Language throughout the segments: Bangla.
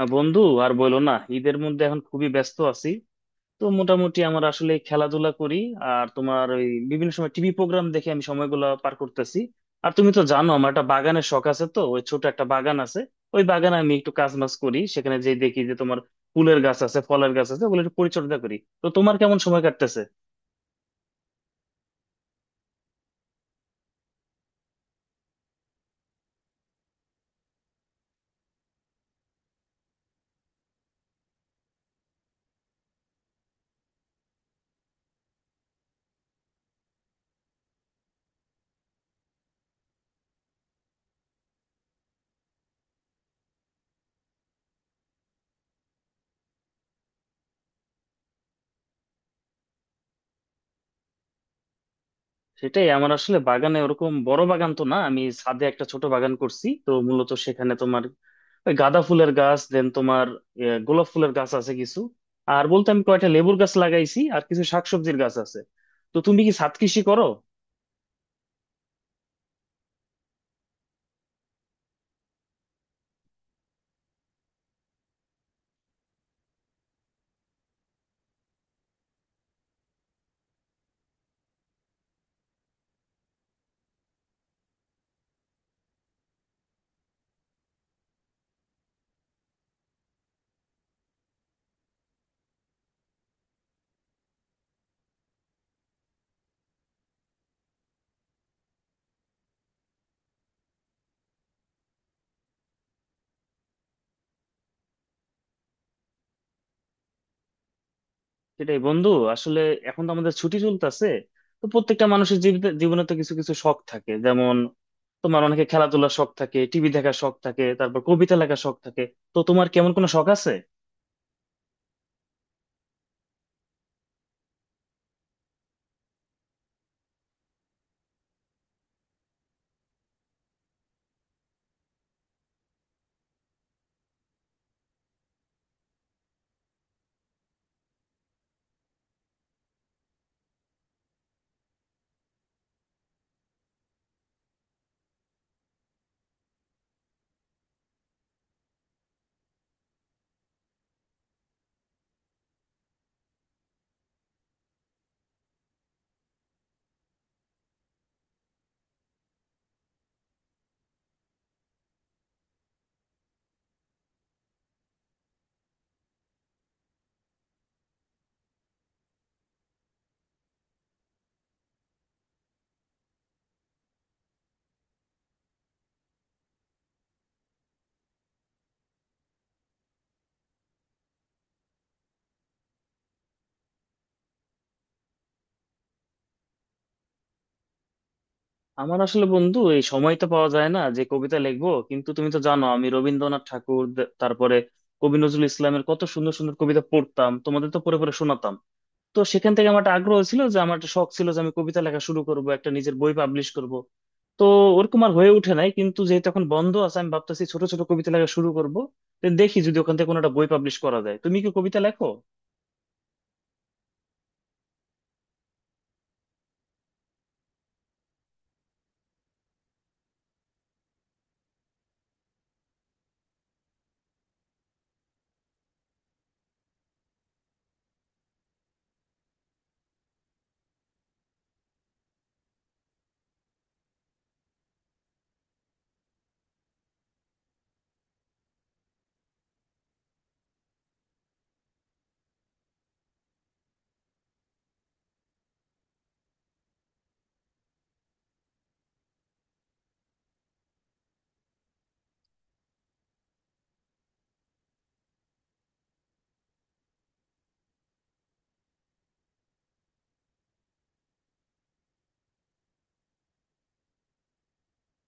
বন্ধু, আর বলো না, ঈদের মধ্যে এখন খুবই ব্যস্ত আছি। তো মোটামুটি আমার আসলে খেলাধুলা করি আর তোমার ওই বিভিন্ন সময় টিভি প্রোগ্রাম দেখে আমি সময়গুলো পার করতেছি। আর তুমি তো জানো আমার একটা বাগানের শখ আছে, তো ওই ছোট একটা বাগান আছে। ওই বাগানে আমি একটু কাজ মাজ করি, সেখানে যেই দেখি যে তোমার ফুলের গাছ আছে, ফলের গাছ আছে, ওগুলো একটু পরিচর্যা করি। তো তোমার কেমন সময় কাটতেছে? সেটাই, আমার আসলে বাগানে ওরকম বড় বাগান তো না, আমি ছাদে একটা ছোট বাগান করছি। তো মূলত সেখানে তোমার ওই গাঁদা ফুলের গাছ দেন তোমার, গোলাপ ফুলের গাছ আছে কিছু। আর বলতে আমি কয়টা লেবুর গাছ লাগাইছি, আর কিছু শাকসবজির গাছ আছে। তো তুমি কি ছাদ কৃষি করো? সেটাই বন্ধু, আসলে এখন তো আমাদের ছুটি চলতেছে। তো প্রত্যেকটা মানুষের জীবনে তো কিছু কিছু শখ থাকে, যেমন তোমার অনেকে খেলাধুলার শখ থাকে, টিভি দেখার শখ থাকে, তারপর কবিতা লেখার শখ থাকে। তো তোমার কেমন কোনো শখ আছে? আমার আসলে বন্ধু এই সময় তো পাওয়া যায় না যে কবিতা লিখবো, কিন্তু তুমি তো জানো আমি রবীন্দ্রনাথ ঠাকুর তারপরে কবি নজরুল ইসলামের কত সুন্দর সুন্দর কবিতা পড়তাম, তোমাদের তো পড়ে পড়ে শোনাতাম। তো সেখান থেকে আমার একটা আগ্রহ ছিল যে আমার একটা শখ ছিল যে আমি কবিতা লেখা শুরু করব, একটা নিজের বই পাবলিশ করব। তো ওরকম আর হয়ে উঠে নাই, কিন্তু যেহেতু এখন বন্ধ আছে আমি ভাবতেছি ছোট ছোট কবিতা লেখা শুরু করব। তো দেখি যদি ওখান থেকে কোনো একটা বই পাবলিশ করা যায়। তুমি কি কবিতা লেখো?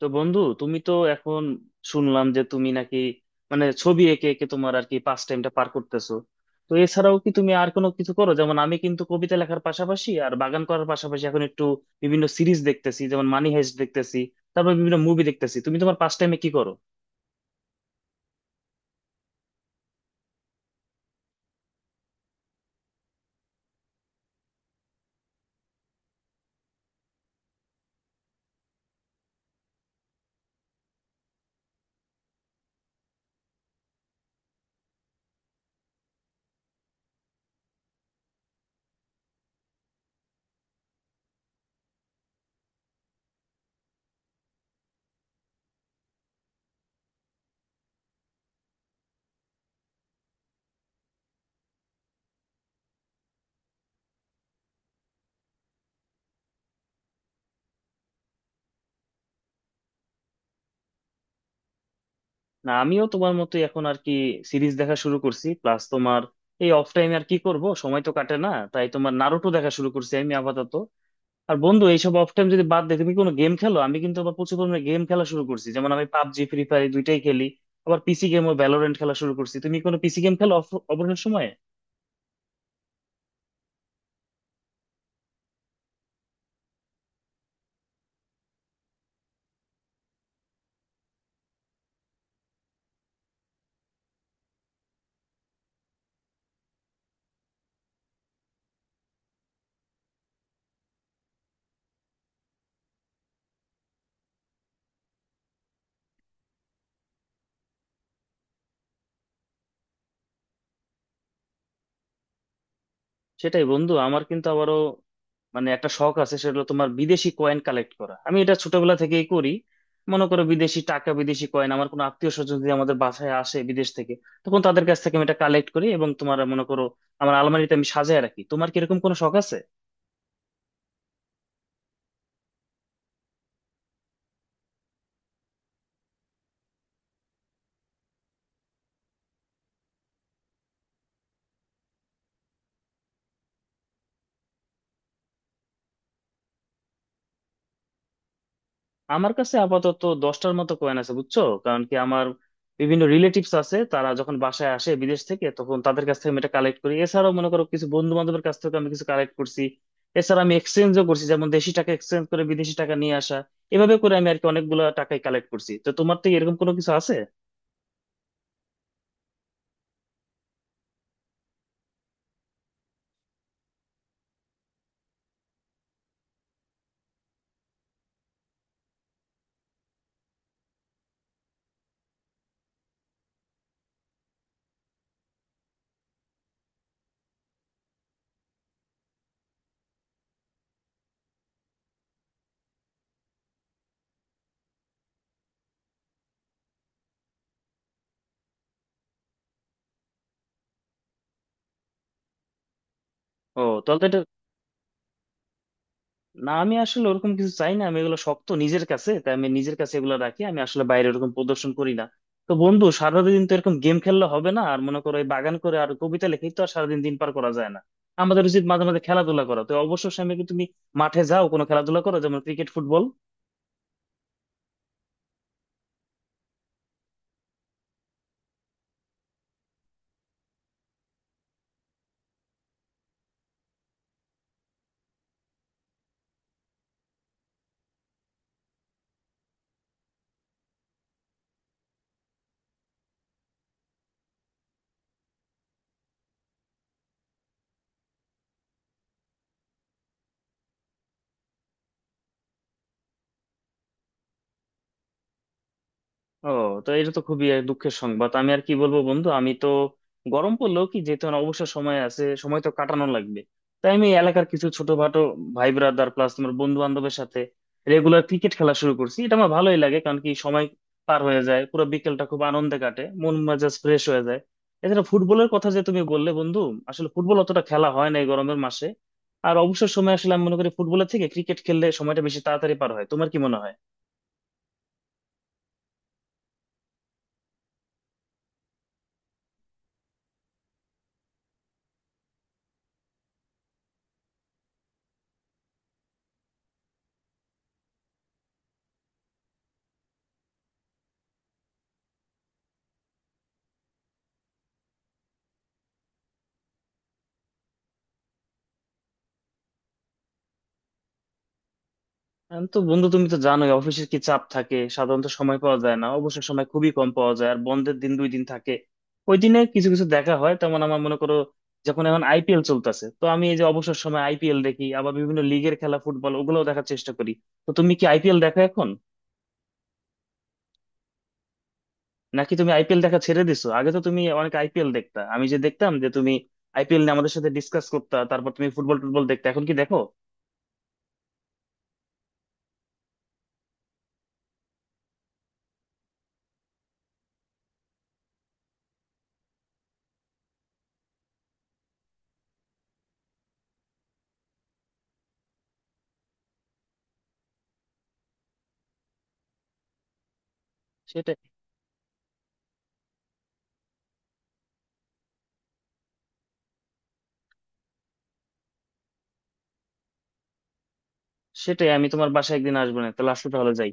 তো বন্ধু, তুমি তো এখন শুনলাম যে তুমি নাকি মানে ছবি এঁকে এঁকে তোমার আর কি পাস টাইমটা পার করতেছো। তো এছাড়াও কি তুমি আর কোনো কিছু করো? যেমন আমি কিন্তু কবিতা লেখার পাশাপাশি আর বাগান করার পাশাপাশি এখন একটু বিভিন্ন সিরিজ দেখতেছি, যেমন মানি হাইস্ট দেখতেছি, তারপর বিভিন্ন মুভি দেখতেছি। তুমি তোমার পাস টাইমে কি করো? না, আমিও তোমার মতোই এখন আর কি সিরিজ দেখা শুরু করছি। প্লাস তোমার এই অফ টাইমে আর কি করব, সময় তো কাটে না, তাই তোমার নারুটো দেখা শুরু করছি আমি আপাতত। আর বন্ধু, এইসব অফ টাইম যদি বাদ দেয়, তুমি কোনো গেম খেলো? আমি কিন্তু আবার প্রচুর পরিমাণে গেম খেলা শুরু করছি, যেমন আমি পাবজি, ফ্রি ফায়ার এই দুইটাই খেলি। আবার পিসি গেমও ভ্যালোরেন্ট খেলা শুরু করছি। তুমি কোনো পিসি গেম খেলো অবসর সময়ে? সেটাই বন্ধু, আমার কিন্তু আবারও মানে একটা শখ আছে, সেটা হলো তোমার বিদেশি কয়েন কালেক্ট করা। আমি এটা ছোটবেলা থেকেই করি। মনে করো বিদেশি টাকা, বিদেশি কয়েন, আমার কোনো আত্মীয় স্বজন যদি আমাদের বাসায় আসে বিদেশ থেকে, তখন তাদের কাছ থেকে আমি এটা কালেক্ট করি, এবং তোমার মনে করো আমার আলমারিতে আমি সাজায় রাখি। তোমার কি এরকম কোনো শখ আছে? আমার কাছে আপাতত দশটার মতো কয়েন আছে বুঝছো, কারণ কি আমার বিভিন্ন রিলেটিভস আছে, তারা যখন বাসায় আসে বিদেশ থেকে তখন তাদের কাছ থেকে আমি এটা কালেক্ট করি। এছাড়াও মনে করো কিছু বন্ধু বান্ধবের কাছ থেকে আমি কিছু কালেক্ট করছি। এছাড়া আমি এক্সচেঞ্জও করছি, যেমন দেশি টাকা এক্সচেঞ্জ করে বিদেশি টাকা নিয়ে আসা। এভাবে করে আমি আর কি অনেকগুলো টাকাই কালেক্ট করছি। তো তোমার থেকে এরকম কোনো কিছু আছে? ও তাহলে তো এটা, না আমি আসলে ওরকম কিছু চাই না, আমি এগুলো শক্ত নিজের কাছে, তাই আমি নিজের কাছে এগুলো রাখি। আমি আসলে বাইরে ওরকম প্রদর্শন করি না। তো বন্ধু, সারাদিন তো এরকম গেম খেললে হবে না, আর মনে করো এই বাগান করে আর কবিতা লিখেই তো আর সারাদিন দিন পার করা যায় না। আমাদের উচিত মাঝে মাঝে খেলাধুলা করা। তো অবসর সময় কি তুমি মাঠে যাও? কোনো খেলাধুলা করো, যেমন ক্রিকেট, ফুটবল? ও, তো এটা তো খুবই এক দুঃখের সংবাদ, আমি আর কি বলবো বন্ধু। আমি তো গরম পড়লেও কি, যেহেতু আমার অবসর সময় আছে, সময় তো কাটানো লাগবে, তাই আমি এই এলাকার কিছু ছোটখাটো ভাই ব্রাদার প্লাস তোমার বন্ধু বান্ধবের সাথে রেগুলার ক্রিকেট খেলা শুরু করছি। এটা আমার ভালোই লাগে, কারণ কি সময় পার হয়ে যায়, পুরো বিকেলটা খুব আনন্দে কাটে, মন মেজাজ ফ্রেশ হয়ে যায়। এছাড়া ফুটবলের কথা যে তুমি বললে বন্ধু, আসলে ফুটবল অতটা খেলা হয় না এই গরমের মাসে। আর অবসর সময় আসলে আমি মনে করি ফুটবলের থেকে ক্রিকেট খেললে সময়টা বেশি তাড়াতাড়ি পার হয়। তোমার কি মনে হয়? তো বন্ধু, তুমি তো জানোই অফিসের কি চাপ থাকে, সাধারণত সময় পাওয়া যায় না, অবসর সময় খুবই কম পাওয়া যায়। আর বন্ধের দিন দুই দিন থাকে, ওই দিনে কিছু কিছু দেখা হয়। তেমন আমার মনে করো, যখন এখন আইপিএল চলতেছে, তো আমি এই যে অবসর সময় আইপিএল দেখি, আবার বিভিন্ন লিগের খেলা, ফুটবল ওগুলোও দেখার চেষ্টা করি। তো তুমি কি আইপিএল দেখো এখন, নাকি তুমি আইপিএল দেখা ছেড়ে দিছো? আগে তো তুমি অনেক আইপিএল দেখতা, আমি যে দেখতাম যে তুমি আইপিএল নিয়ে আমাদের সাথে ডিসকাস করতা। তারপর তুমি ফুটবল টুটবল দেখতে, এখন কি দেখো? সেটাই সেটাই আমি তোমার বাসায় একদিন আসবো। না তাহলে আসলে, তাহলে যাই।